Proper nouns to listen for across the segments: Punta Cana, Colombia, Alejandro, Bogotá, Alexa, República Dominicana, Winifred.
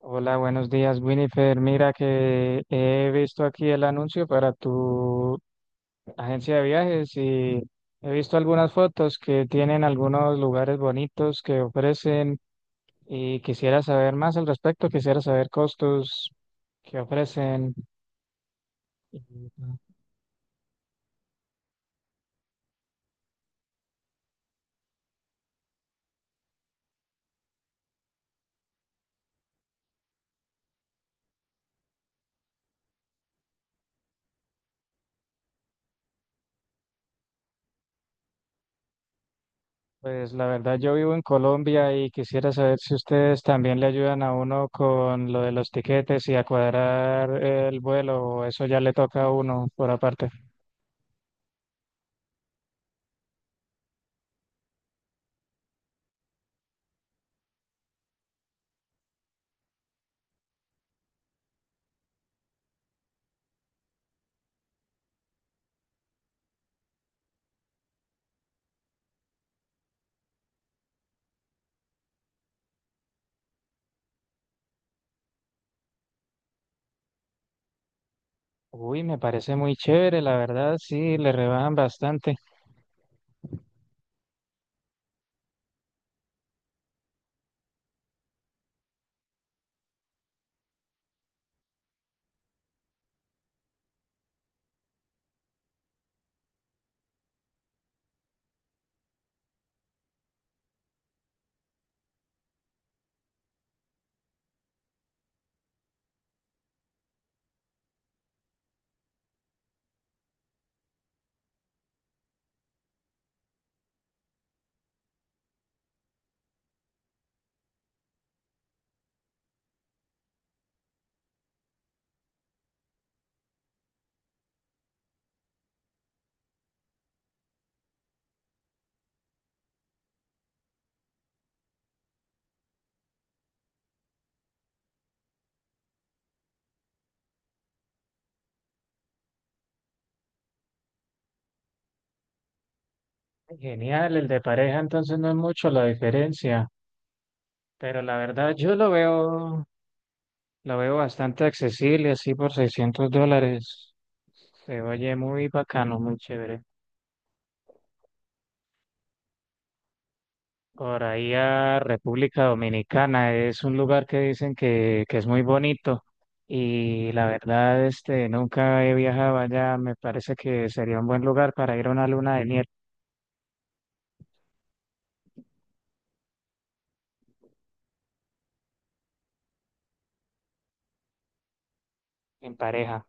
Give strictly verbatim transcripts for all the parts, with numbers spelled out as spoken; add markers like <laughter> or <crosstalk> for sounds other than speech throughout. Hola, buenos días, Winifred. Mira que he visto aquí el anuncio para tu agencia de viajes y he visto algunas fotos que tienen algunos lugares bonitos que ofrecen y quisiera saber más al respecto, quisiera saber costos que ofrecen. Y, pues la verdad yo vivo en Colombia y quisiera saber si ustedes también le ayudan a uno con lo de los tiquetes y a cuadrar el vuelo o eso ya le toca a uno por aparte. Uy, me parece muy chévere, la verdad, sí, le rebajan bastante. Genial, el de pareja entonces no es mucho la diferencia, pero la verdad yo lo veo, lo veo bastante accesible, así por seiscientos dólares. Se oye muy bacano, muy chévere. Por ahí a República Dominicana es un lugar que dicen que, que es muy bonito y la verdad, este, nunca he viajado allá, me parece que sería un buen lugar para ir a una luna de miel en pareja.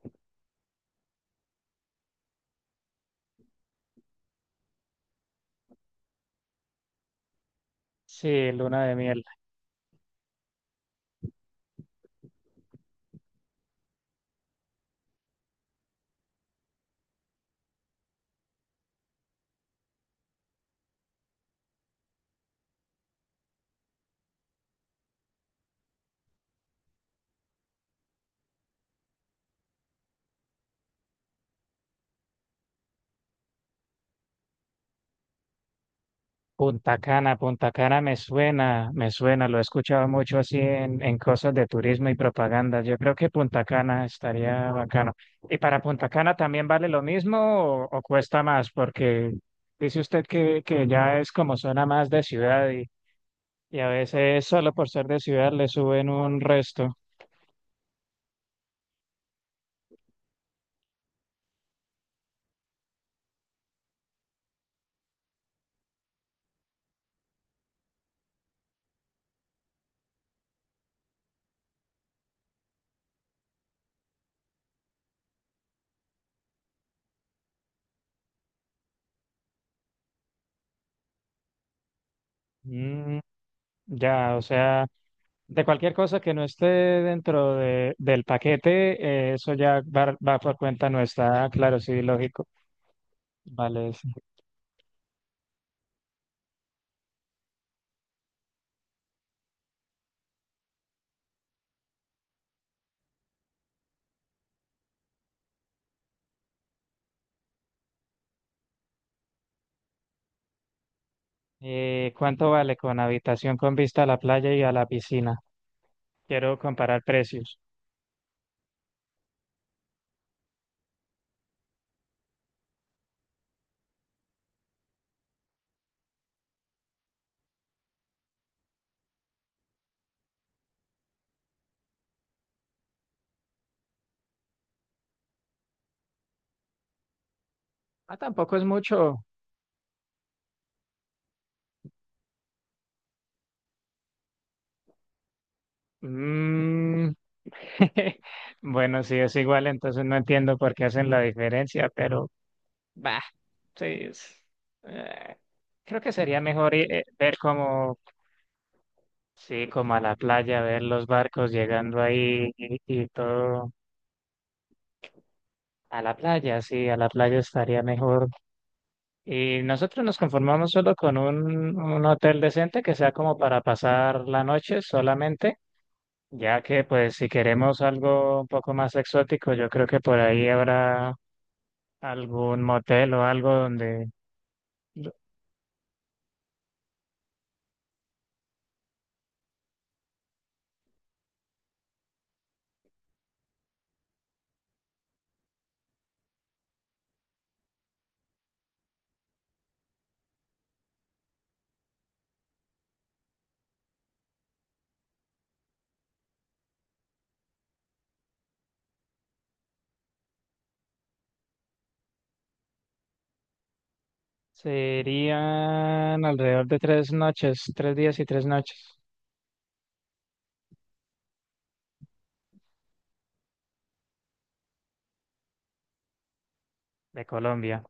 Sí, luna de miel. Punta Cana, Punta Cana me suena, me suena, lo he escuchado mucho así en, en cosas de turismo y propaganda. Yo creo que Punta Cana estaría bacano. ¿Y para Punta Cana también vale lo mismo o, o cuesta más? Porque dice usted que, que ya es como zona más de ciudad y, y a veces solo por ser de ciudad le suben un resto. Mm, ya, o sea. De cualquier cosa que no esté dentro de- del paquete, eh, eso ya va, va por cuenta nuestra. Ah, claro, sí, lógico. Vale. Sí. Eh, ¿cuánto vale con habitación con vista a la playa y a la piscina? Quiero comparar precios. Ah, tampoco es mucho. Mm. <laughs> Bueno, sí, es igual, entonces no entiendo por qué hacen la diferencia, pero bah, sí. es- eh, creo que sería mejor ir, eh, ver cómo. Sí, como a la playa, ver los barcos llegando ahí y, y todo. A la playa, sí, a la playa estaría mejor. Y nosotros nos conformamos solo con un, un hotel decente que sea como para pasar la noche solamente, ya que pues si queremos algo un poco más exótico, yo creo que por ahí habrá algún motel o algo donde serían alrededor de tres noches, tres días y tres noches de Colombia.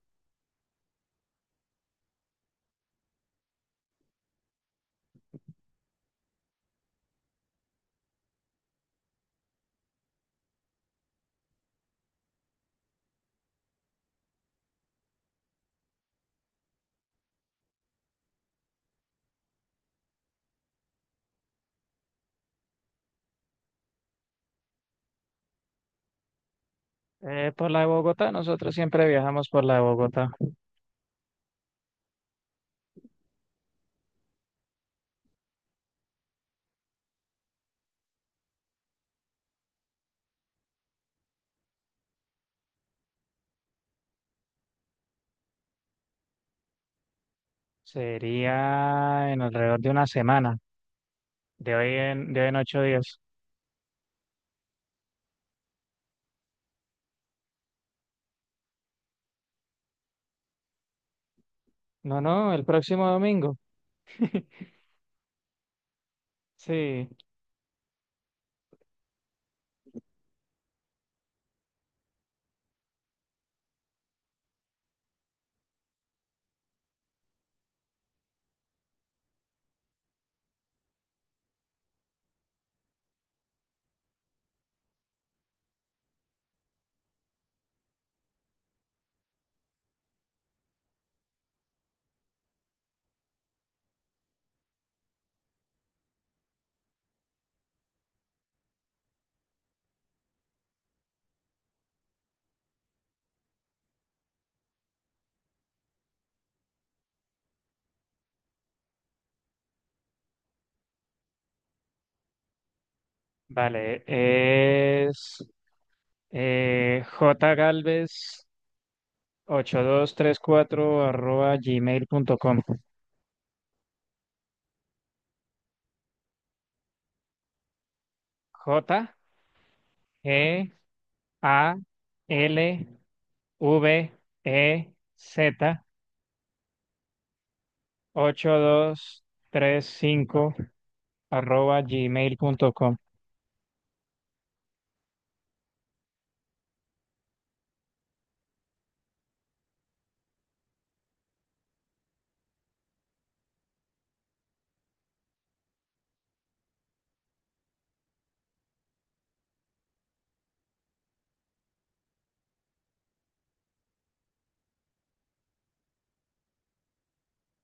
Eh, por la de Bogotá, nosotros siempre viajamos por la de Bogotá. Sería en alrededor de una semana, de hoy en, de hoy en ocho días. No, no, el próximo domingo. <laughs> Sí, vale, es eh, jgalvez ocho dos tres cuatro arroba gmail punto com. J G A L V E Z ocho dos tres cinco arroba gmail gmail.com.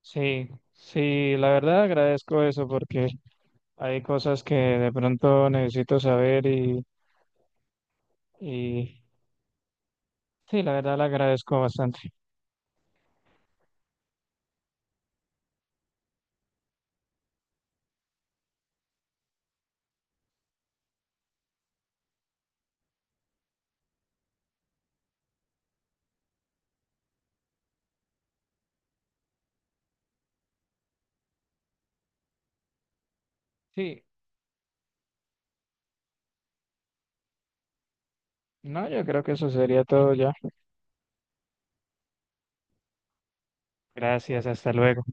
Sí, sí, la verdad agradezco eso porque hay cosas que de pronto necesito saber y, y sí, la verdad la agradezco bastante. Sí, no, yo creo que eso sería todo ya. Gracias, hasta luego.